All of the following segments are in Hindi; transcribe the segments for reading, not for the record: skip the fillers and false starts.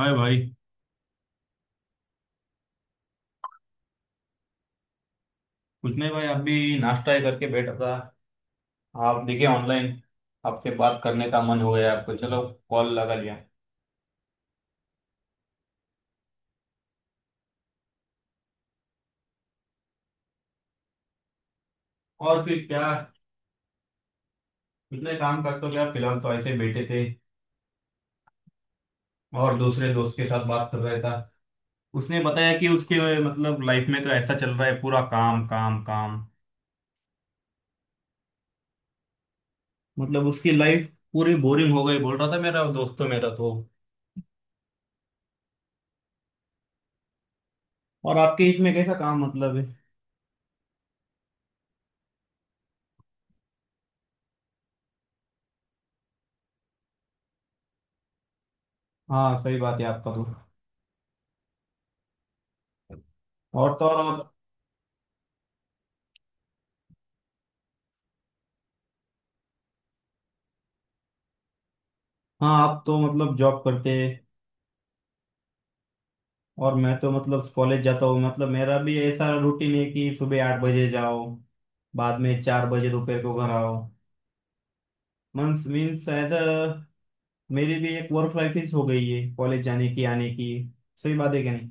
हाय भाई। कुछ नहीं भाई, आप भी? नाश्ता ही करके बैठा था। आप दिखे ऑनलाइन, आपसे बात करने का मन हो गया आपको, चलो कॉल लगा लिया। और फिर क्या, इतने काम करते हो क्या? फिलहाल तो ऐसे बैठे थे, और दूसरे दोस्त के साथ बात कर रहा था। उसने बताया कि उसके लाइफ में तो ऐसा चल रहा है, पूरा काम काम काम। उसकी लाइफ पूरी बोरिंग हो गई, बोल रहा था मेरा दोस्त तो, मेरा तो। और आपके इसमें कैसा काम है? हाँ सही बात है आपका तो। और तो और आप, हाँ आप तो जॉब करते हैं, और मैं तो कॉलेज जाता हूँ। मेरा भी ऐसा रूटीन है कि सुबह 8 बजे जाओ, बाद में 4 बजे दोपहर को घर आओ। मंस मीन्स शायद अ, मेरी भी एक वर्क लाइफ हो गई है कॉलेज जाने की आने की। सही बात है क्या नहीं?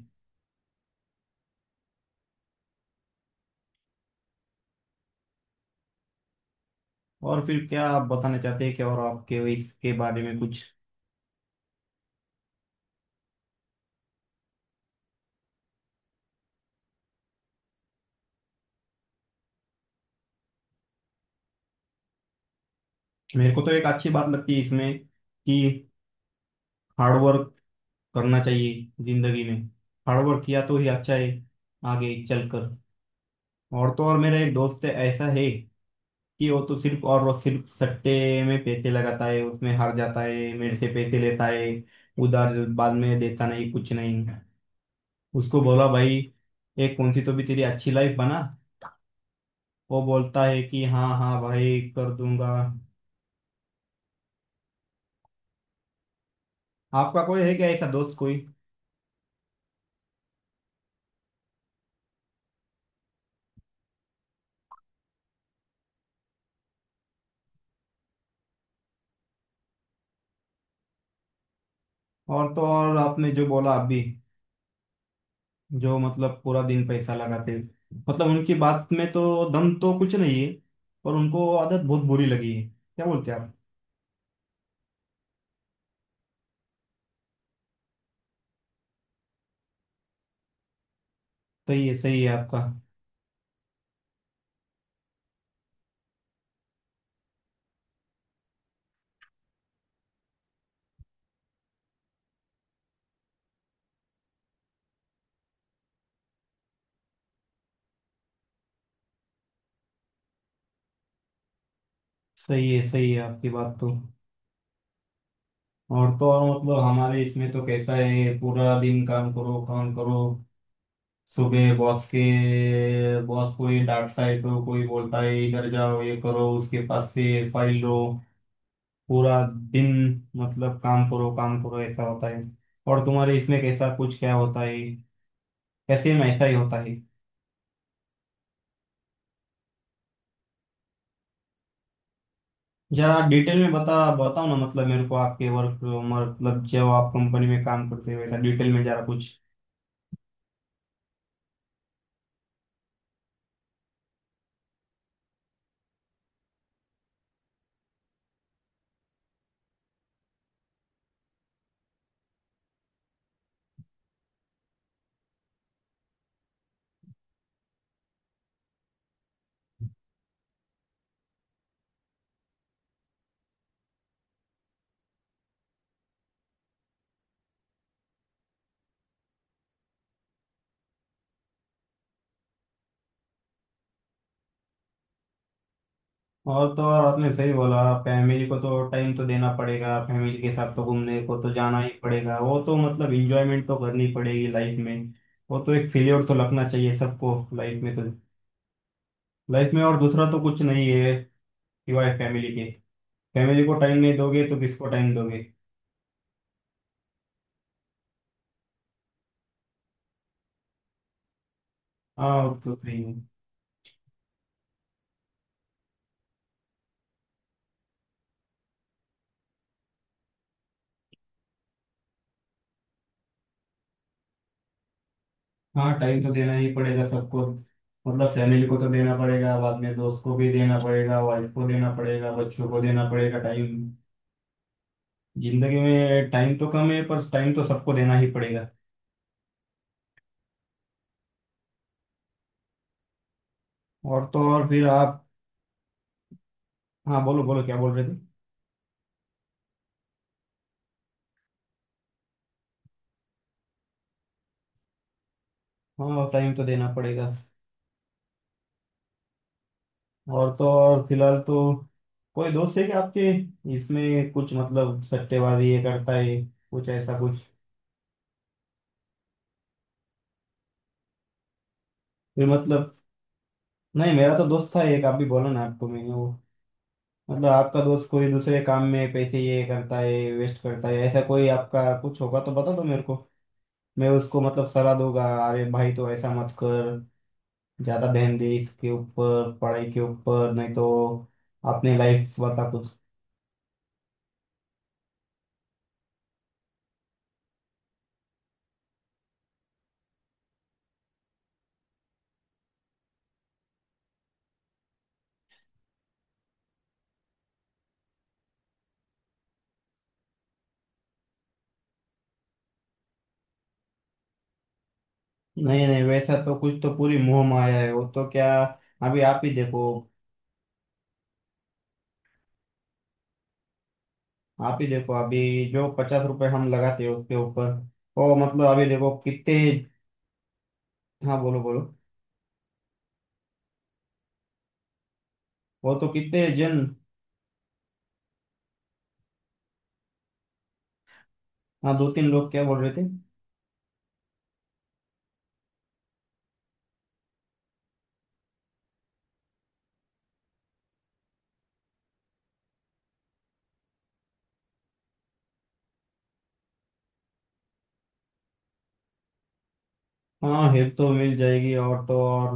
और फिर क्या, आप बताना चाहते हैं क्या और आपके इसके बारे में कुछ? मेरे को तो एक अच्छी बात लगती है इसमें, कि हार्ड वर्क करना चाहिए जिंदगी में। हार्ड वर्क किया तो ही अच्छा है आगे चलकर। और तो और, मेरा एक दोस्त है, ऐसा है कि वो सिर्फ सट्टे में पैसे लगाता है, उसमें हार जाता है, मेरे से पैसे लेता है उधार, बाद में देता नहीं, कुछ नहीं। उसको बोला भाई, एक कौन सी तो भी तेरी अच्छी लाइफ बना। वो बोलता है कि हाँ हाँ भाई, कर दूंगा। आपका कोई है क्या ऐसा दोस्त कोई? और तो और, आपने जो बोला आप भी, जो पूरा दिन पैसा लगाते हैं। उनकी बात में तो दम तो कुछ नहीं है, पर उनको आदत बहुत बुरी लगी है। क्या बोलते हैं आप? सही है आपका। सही है आपकी बात तो। और तो और, हमारे इसमें तो कैसा है, पूरा दिन काम करो काम करो। सुबह बॉस के बॉस कोई डांटता है तो कोई बोलता है इधर जाओ, ये करो, उसके पास से फाइल लो। पूरा दिन काम करो काम करो, ऐसा होता है। और तुम्हारे इसमें कैसा कुछ क्या होता है? कैसे में ऐसा ही होता है? जरा डिटेल में बताओ ना, मेरे को आपके वर्क जब आप कंपनी में काम करते हो, ऐसा डिटेल में जरा कुछ। और तो और, आपने सही बोला, फैमिली को तो टाइम तो देना पड़ेगा, फैमिली के साथ तो घूमने को तो जाना ही पड़ेगा। वो तो इंजॉयमेंट तो करनी पड़ेगी लाइफ में। वो तो एक फेलियर तो लगना चाहिए सबको लाइफ में तो। लाइफ में और दूसरा तो कुछ नहीं है सिवाय फैमिली के। फैमिली को टाइम नहीं दोगे तो किसको टाइम दोगे? हाँ वो तो सही है। हाँ टाइम तो देना ही पड़ेगा सबको। फैमिली को तो देना पड़ेगा, बाद में दोस्त को भी देना पड़ेगा, वाइफ को देना पड़ेगा, बच्चों को देना पड़ेगा टाइम। जिंदगी में टाइम तो कम है, पर टाइम तो सबको देना ही पड़ेगा। और तो और फिर आप, हाँ बोलो बोलो, क्या बोल रहे थे? हाँ टाइम तो देना पड़ेगा। और तो और फिलहाल तो, कोई दोस्त है क्या आपके इसमें कुछ? सट्टेबाजी ये करता है कुछ, ऐसा कुछ? फिर नहीं, मेरा तो दोस्त था एक, आप भी बोला ना आपको मैंने वो। आपका दोस्त कोई दूसरे काम में पैसे ये करता है, वेस्ट करता है, ऐसा कोई आपका कुछ होगा तो बता दो मेरे को। मैं उसको सलाह दूंगा, अरे भाई तो ऐसा मत कर, ज्यादा ध्यान दे इसके ऊपर, पढ़ाई के ऊपर, नहीं तो अपनी लाइफ बता कुछ। नहीं नहीं वैसा तो कुछ, तो पूरी मोह माया है वो तो क्या। अभी आप ही देखो, आप ही देखो अभी, जो 50 रुपए हम लगाते हैं उसके ऊपर, वो अभी देखो कितने। हाँ बोलो बोलो, वो तो कितने जन। हाँ दो तीन लोग क्या बोल रहे थे? हाँ हेल्प तो मिल जाएगी। और तो और,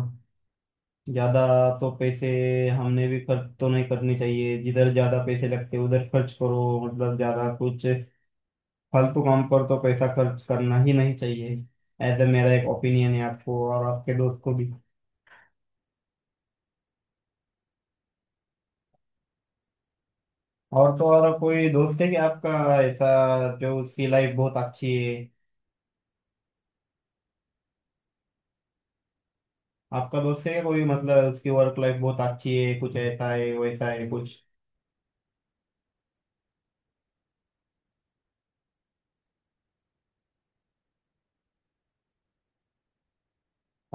ज्यादा तो पैसे हमने भी खर्च तो नहीं करने चाहिए। जिधर ज्यादा पैसे लगते उधर खर्च करो, ज्यादा कुछ फालतू काम पर तो पैसा खर्च करना ही नहीं चाहिए। ऐसा मेरा एक ओपिनियन है आपको और आपके दोस्त को भी। और तो और कोई दोस्त है कि आपका ऐसा, जो उसकी लाइफ बहुत अच्छी है? आपका दोस्त है क्या कोई, उसकी वर्क लाइफ बहुत अच्छी है, कुछ ऐसा है वैसा है कुछ?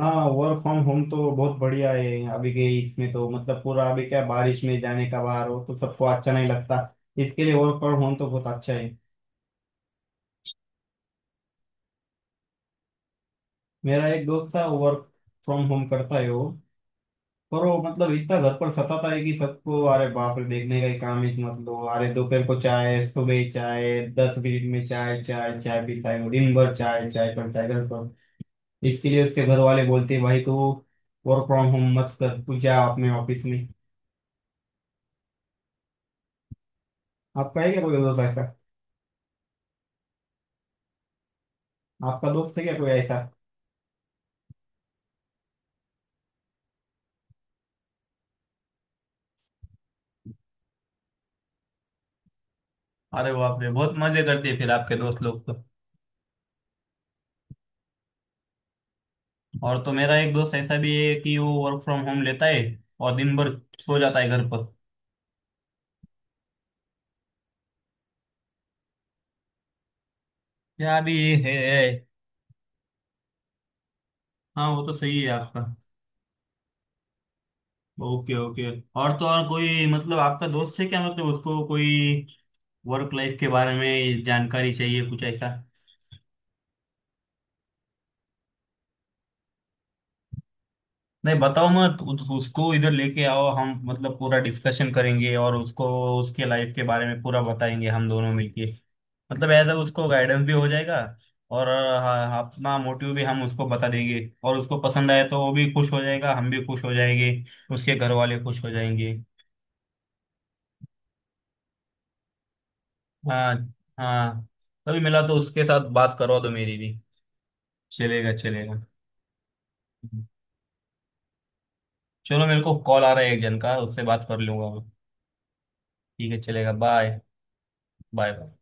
हाँ वर्क फ्रॉम होम तो बहुत बढ़िया है अभी के इसमें तो। पूरा अभी क्या, बारिश में जाने का बाहर हो तो सबको अच्छा नहीं लगता। इसके लिए वर्क फ्रॉम होम तो बहुत अच्छा है। मेरा एक दोस्त था, वर्क फ्रॉम होम करता है वो, पर वो इतना घर पर सताता है कि सबको अरे बाप रे देखने का ही काम है। अरे दोपहर को चाय, सुबह ही चाय, 10 मिनट में चाय चाय चाय पीता है वो, दिन भर चाय चाय करता है घर पर। इसके लिए उसके घर वाले बोलते हैं, भाई तू वर्क फ्रॉम होम मत कर, तू जा अपने ऑफिस में। आपका है क्या कोई दोस्त ऐसा? आपका दोस्त है क्या कोई ऐसा? अरे बाप रे, बहुत मजे करते हैं फिर आपके दोस्त लोग तो। और तो मेरा एक दोस्त ऐसा भी है कि वो वर्क फ्रॉम होम लेता है और दिन भर सो जाता है घर पर। क्या भी है, है। हाँ वो तो सही है आपका। Okay okay. और तो और, कोई आपका दोस्त है क्या, उसको कोई वर्क लाइफ के बारे में जानकारी चाहिए, कुछ ऐसा? नहीं बताओ मत, उसको इधर लेके आओ, हम पूरा डिस्कशन करेंगे और उसको उसके लाइफ के बारे में पूरा बताएंगे हम दोनों मिलके। एज उसको गाइडेंस भी हो जाएगा। और हाँ, अपना मोटिव भी हम उसको बता देंगे, और उसको पसंद आए तो वो भी खुश हो जाएगा, हम भी खुश हो जाएंगे, उसके घर वाले खुश हो जाएंगे। हाँ हाँ। कभी मिला तो उसके साथ बात करवा दो मेरी भी। चलेगा चलेगा। चलो, मेरे को कॉल आ रहा है एक जन का, उससे बात कर लूंगा मैं। ठीक है चलेगा, बाय बाय।